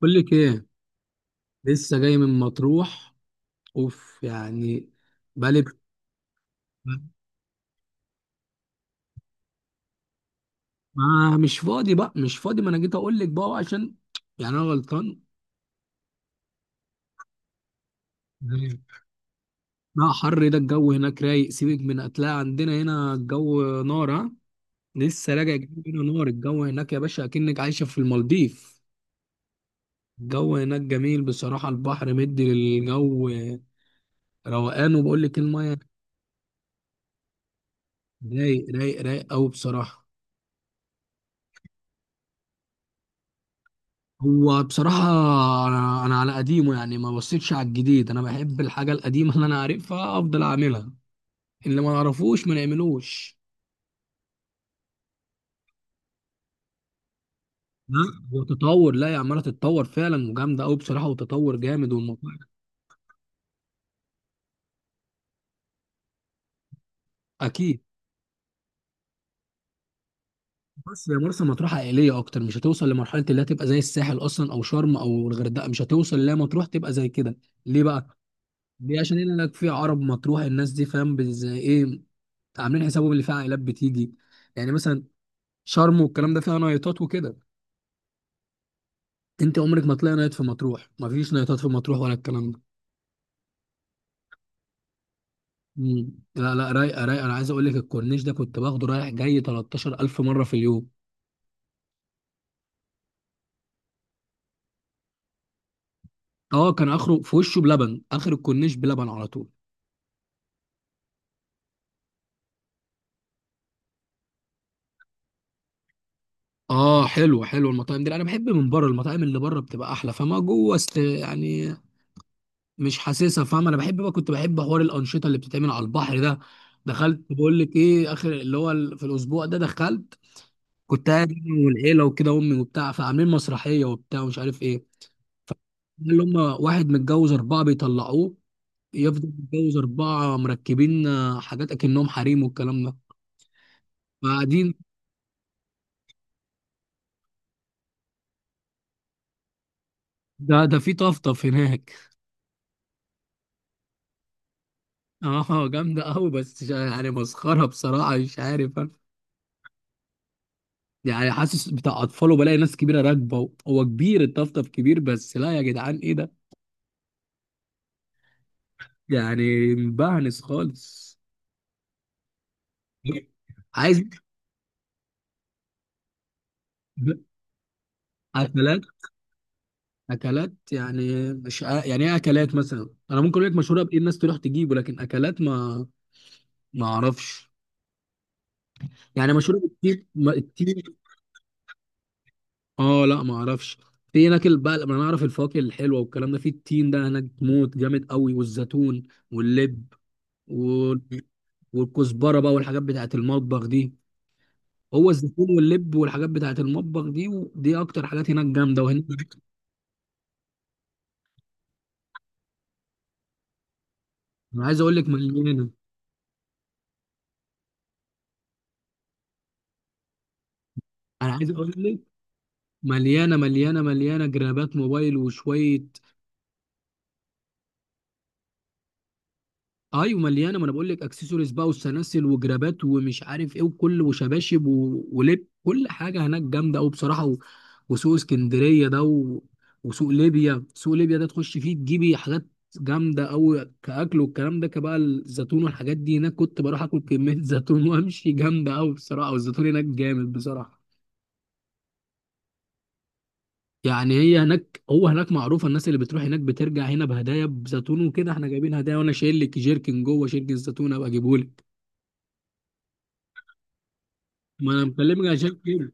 بقول لك ايه، لسه جاي من مطروح. اوف يعني، بقالي. ما مش فاضي بقى، مش فاضي، ما انا جيت اقول لك بقى عشان يعني انا غلطان. مم. لا حر، ده الجو هناك رايق. سيبك، من هتلاقي عندنا هنا الجو نار، ها. لسه راجع جايب هنا نار، الجو هناك يا باشا اكنك عايشه في المالديف. الجو هناك جميل بصراحه، البحر مدي للجو، روقان، وبقول لك الميه رايق، رايق، رايق قوي بصراحه. هو بصراحة أنا على قديمه يعني، ما بصيتش على الجديد. أنا بحب الحاجة القديمة اللي أنا عارفها، أفضل أعملها، اللي ما نعرفوش ما نعملوش. لا، وتطور؟ لا، هي عمالة تتطور فعلا وجامدة أوي بصراحة، وتطور جامد والموضوع أكيد. بس هي مرسى مطروح عائلية أكتر، مش هتوصل لمرحلة اللي هتبقى زي الساحل أصلا، أو شرم أو الغردقة. مش هتوصل، لا مطروح تبقى زي كده. ليه بقى؟ ليه؟ عشان هنا لك في عرب مطروح، الناس دي فاهم زي إيه، عاملين حسابهم اللي فيها عائلات بتيجي. يعني مثلا شرم والكلام ده فيها نايتات وكده، انت عمرك ما تلاقي نايت في مطروح، مفيش نايتات في مطروح ولا الكلام ده. مم. لا لا، رايقه رايقه. انا عايز اقول لك الكورنيش ده كنت باخده رايح جاي 13,000 مره في اليوم. اه، كان اخره في وشه بلبن، اخر الكورنيش بلبن على طول. اه، حلو حلو المطاعم دي. انا بحب من بره، المطاعم اللي بره بتبقى احلى، فما جوه است يعني، مش حاسسها، فاهم. انا بحب بقى، كنت بحب حوار الانشطه اللي بتتعمل على البحر ده. دخلت بقول لك ايه، اخر اللي هو في الاسبوع ده دخلت، كنت قاعد انا والعيله وكده، امي وبتاع، فعاملين مسرحيه وبتاع ومش عارف ايه، اللي هم واحد متجوز أربعة بيطلعوه، يفضل متجوز أربعة مركبين حاجات أكنهم حريم والكلام ده، فقاعدين. ده ده في طفطف هناك. اه جامدة أوي بس يعني مسخرة بصراحة، مش عارف أنا. يعني حاسس بتاع أطفال، وبلاقي ناس كبيرة راكبة، هو كبير، الطفطف كبير بس، لا يا جدعان إيه ده، يعني مبهنس خالص. عايز أكلات. أكلات يعني مش ع- يعني إيه أكلات مثلا. أنا ممكن أقول لك مشهورة بإيه الناس تروح تجيبه، لكن أكلات ما ما اعرفش. يعني مشهوره بالتين، التين. اه، لا ما اعرفش. في هناك بقى انا اعرف الفواكه الحلوه والكلام ده، في التين ده هناك موت، جامد قوي، والزيتون واللب وال- والكزبره بقى، والحاجات بتاعت المطبخ دي. هو الزيتون واللب والحاجات بتاعت المطبخ دي، ودي اكتر حاجات هناك جامده، وهنا انا عايز اقول لك مليانه. انا عايز اقول لك مليانه مليانه مليانه، جرابات موبايل وشويه. ايوه مليانه، ما انا بقول لك اكسسوارز بقى، وسلاسل وجرابات ومش عارف ايه، وكل، وشباشب ولب، كل حاجه هناك جامده قوي بصراحه، وسوق اسكندريه ده، وسوق ليبيا، سوق ليبيا ده تخش فيه تجيبي حاجات جامده قوي. كاكل والكلام ده كبقى الزيتون والحاجات دي هناك، كنت بروح اكل كميه زيتون وامشي، جامده قوي بصراحه، والزيتون هناك جامد بصراحه. يعني هي هناك، هو هناك معروفه، الناس اللي بتروح هناك بترجع هنا بهدايا بزيتون وكده. احنا جايبين هدايا، وانا شايل لك جيركن جوه، شيركن الزيتون ابقى اجيبهولك، ما انا مكلمك عشان كده.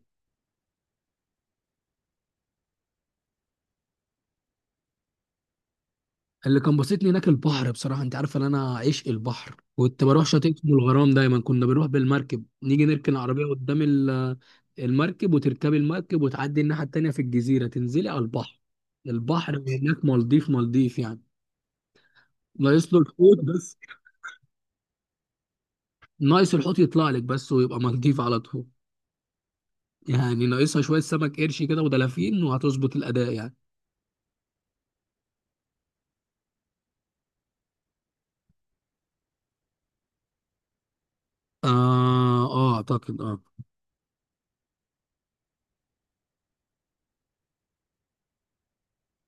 اللي كان بسطني هناك البحر بصراحه، انت عارف ان انا عشق البحر. كنت بروح شاطئ اسمه الغرام دايما، كنا بنروح بالمركب، نيجي نركن العربيه قدام المركب، وتركبي المركب، وتعدي الناحيه التانيه في الجزيره، تنزلي على البحر. البحر هناك مالديف، مالديف يعني، ناقص له الحوت بس. ناقص الحوت يطلع لك بس ويبقى مالديف على طول. يعني ناقصها شويه سمك قرش كده ودلافين، وهتظبط الاداء يعني. اه اه، اعتقد اه.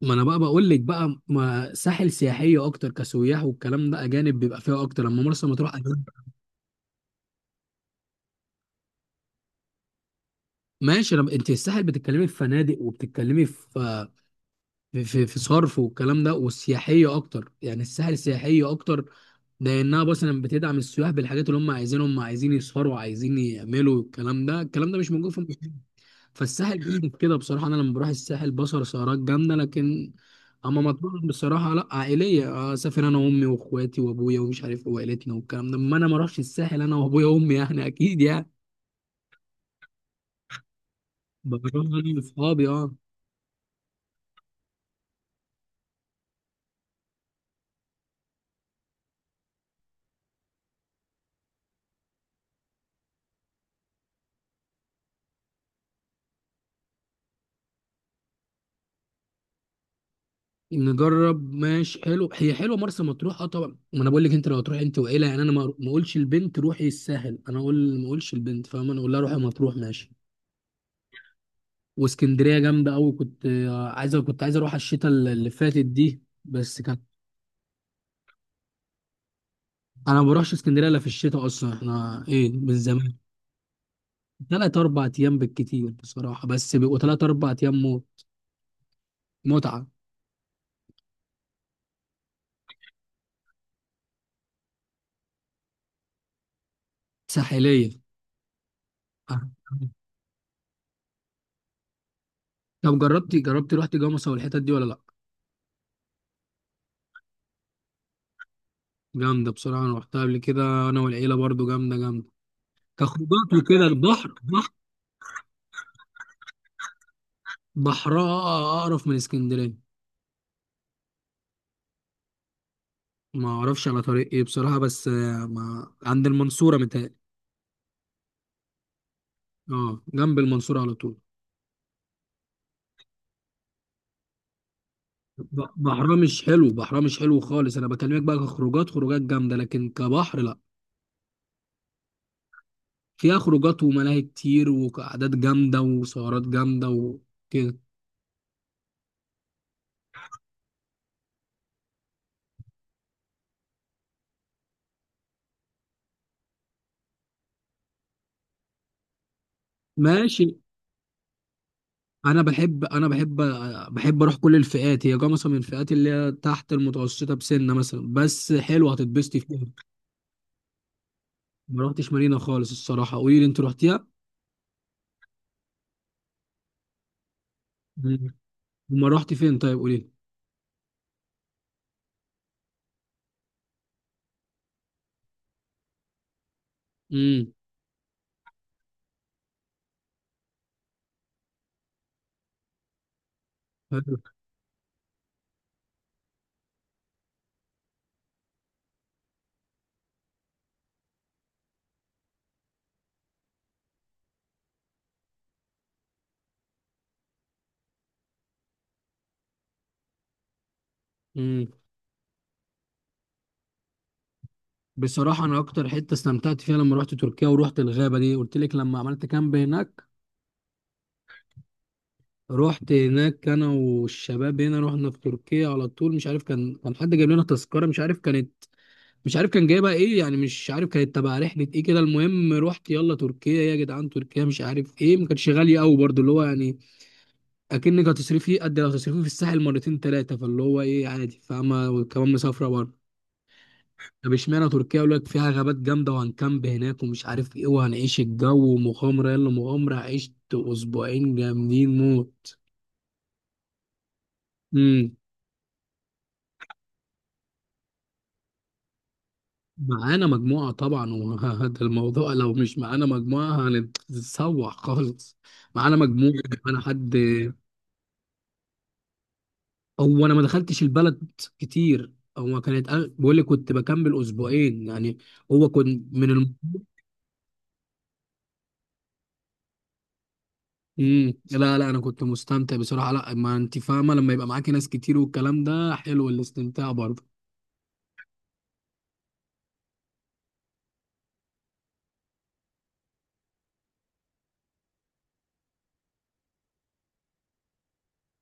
ما انا بقى بقول لك بقى، ما ساحل سياحيه اكتر، كسياح والكلام ده، اجانب بيبقى فيها اكتر. اما مرسى مطروح أجانب. ماشي. أنا... انت الساحل بتتكلمي في فنادق، وبتتكلمي في في صرف والكلام ده والسياحيه اكتر. يعني الساحل سياحيه اكتر، لانها مثلا بتدعم السياح بالحاجات اللي هم عايزينهم. هم عايزين يسهروا، عايزين يعملوا الكلام ده، الكلام ده مش موجود في، فالساحل جامد كده بصراحة. أنا لما بروح الساحل بصر سهرات جامدة، لكن أما مطلوب بصراحة لأ، عائلية. أسافر أنا وأمي وإخواتي وأبويا ومش عارف إيه، وعيلتنا والكلام ده. أما أنا ما أروحش الساحل أنا وأبويا وأمي، يعني أكيد يعني. بروح أنا وأصحابي أه. نجرب، ماشي، حلو، هي حلوة مرسى مطروح أه طبعا. ما أنا بقول لك، أنت لو هتروح أنت وعيلة يعني، أنا ما ما أقولش البنت روحي الساحل. أنا أقول، ما أقولش البنت، فاهم، أنا أقول لها روحي مطروح ماشي. واسكندرية جامدة أوي. كنت عايز، كنت عايز أروح الشتاء اللي فاتت دي بس كان. انا ما بروحش اسكندريه الا في الشتاء اصلا، احنا ايه من زمان. ثلاث اربع ايام بالكتير بصراحه، بس بيبقوا ثلاث اربع ايام موت متعه. ساحليه. آه. طب جربتي، جربتي، رحتي جمصة والحتت دي ولا لا؟ جامده بصراحه، انا رحتها قبل كده انا والعيله برضو، جامده جامده. كخروجات وكده، البحر بحر، بحرها اقرف من اسكندريه. ما اعرفش على طريق ايه بصراحه، بس ما عند المنصوره متهيألي. اه، جنب المنصوره على طول. بحرها مش حلو، بحرها مش حلو خالص. انا بكلمك بقى كخروجات، خروجات جامده، لكن كبحر لا. فيها خروجات وملاهي كتير، وقعدات جامده، وسهرات جامده وكده. ماشي. انا بحب، بحب اروح كل الفئات، هي جا مثلا من الفئات اللي هي تحت المتوسطه بسنه مثلا، بس حلوه هتتبسطي فيها. ما رحتش مارينا خالص الصراحه، قولي لي انت رحتيها؟ مم. وما رحت فين طيب، قولي لي. امم، حلو. مم. بصراحة أنا أكتر حتة استمتعت فيها لما رحت تركيا، ورحت الغابة دي، قلت لك لما عملت كامب هناك. رحت هناك أنا والشباب، هنا رحنا في تركيا على طول. مش عارف، كان حد جايب لنا تذكرة، مش عارف كانت، مش عارف كان جايبها إيه يعني. مش عارف كانت تبع رحلة إيه كده، المهم رحت. يلا تركيا يا جدعان، تركيا مش عارف إيه، ما كانتش غالية أوي برضه، اللي هو يعني أكنك هتصرفي قد لو هتصرفي في الساحل مرتين تلاتة، فاللي هو إيه، عادي فاهمة، وكمان مسافرة برضه. طب اشمعنى تركيا؟ يقول لك فيها غابات جامده، وهنكامب هناك ومش عارف ايه، وهنعيش الجو ومغامره. يلا مغامره، عشت اسبوعين جامدين موت. امم. معانا مجموعه طبعا، وهذا الموضوع، لو مش معانا مجموعه هنتسوح خالص. معانا مجموعه، معانا حد. او انا ما دخلتش البلد كتير، هو كانت، بقول لي كنت بكمل اسبوعين يعني. هو كنت مم. لا لا، انا كنت مستمتع بصراحه. لا، ما انت فاهمه، لما يبقى معاكي ناس كتير والكلام ده حلو الاستمتاع برضه.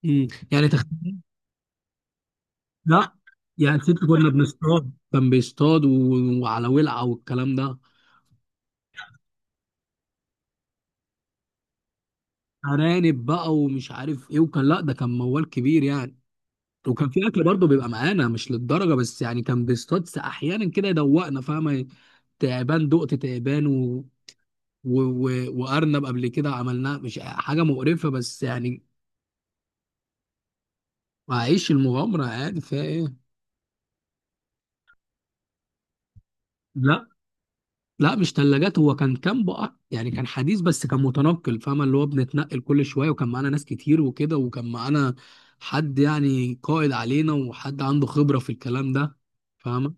مم. يعني تخيل. لا يعني ست، كنا بنصطاد، كان بيصطاد وعلى ولعه والكلام ده. ارانب بقى ومش عارف ايه، وكان، لا ده كان موال كبير يعني. وكان في اكل برضه بيبقى معانا، مش للدرجه بس يعني. كان بيصطاد احيانا كده يدوقنا، فاهمه، تعبان دقت تعبان و... و... وارنب قبل كده عملناه، مش حاجه مقرفه بس يعني. هعيش المغامره، عادي فيها ايه؟ لا لا، مش ثلاجات، هو كان كامب يعني. كان حديث بس كان متنقل، فاهمة، اللي هو بنتنقل كل شوية، وكان معانا ناس كتير وكده، وكان معانا حد يعني قائد علينا، وحد عنده خبرة في الكلام ده، فاهمة.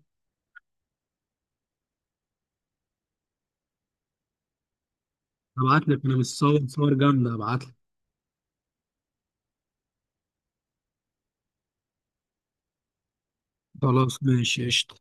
هبعت لك، انا مش صور، صور جامدة هبعت لك. خلاص ماشي قشطة.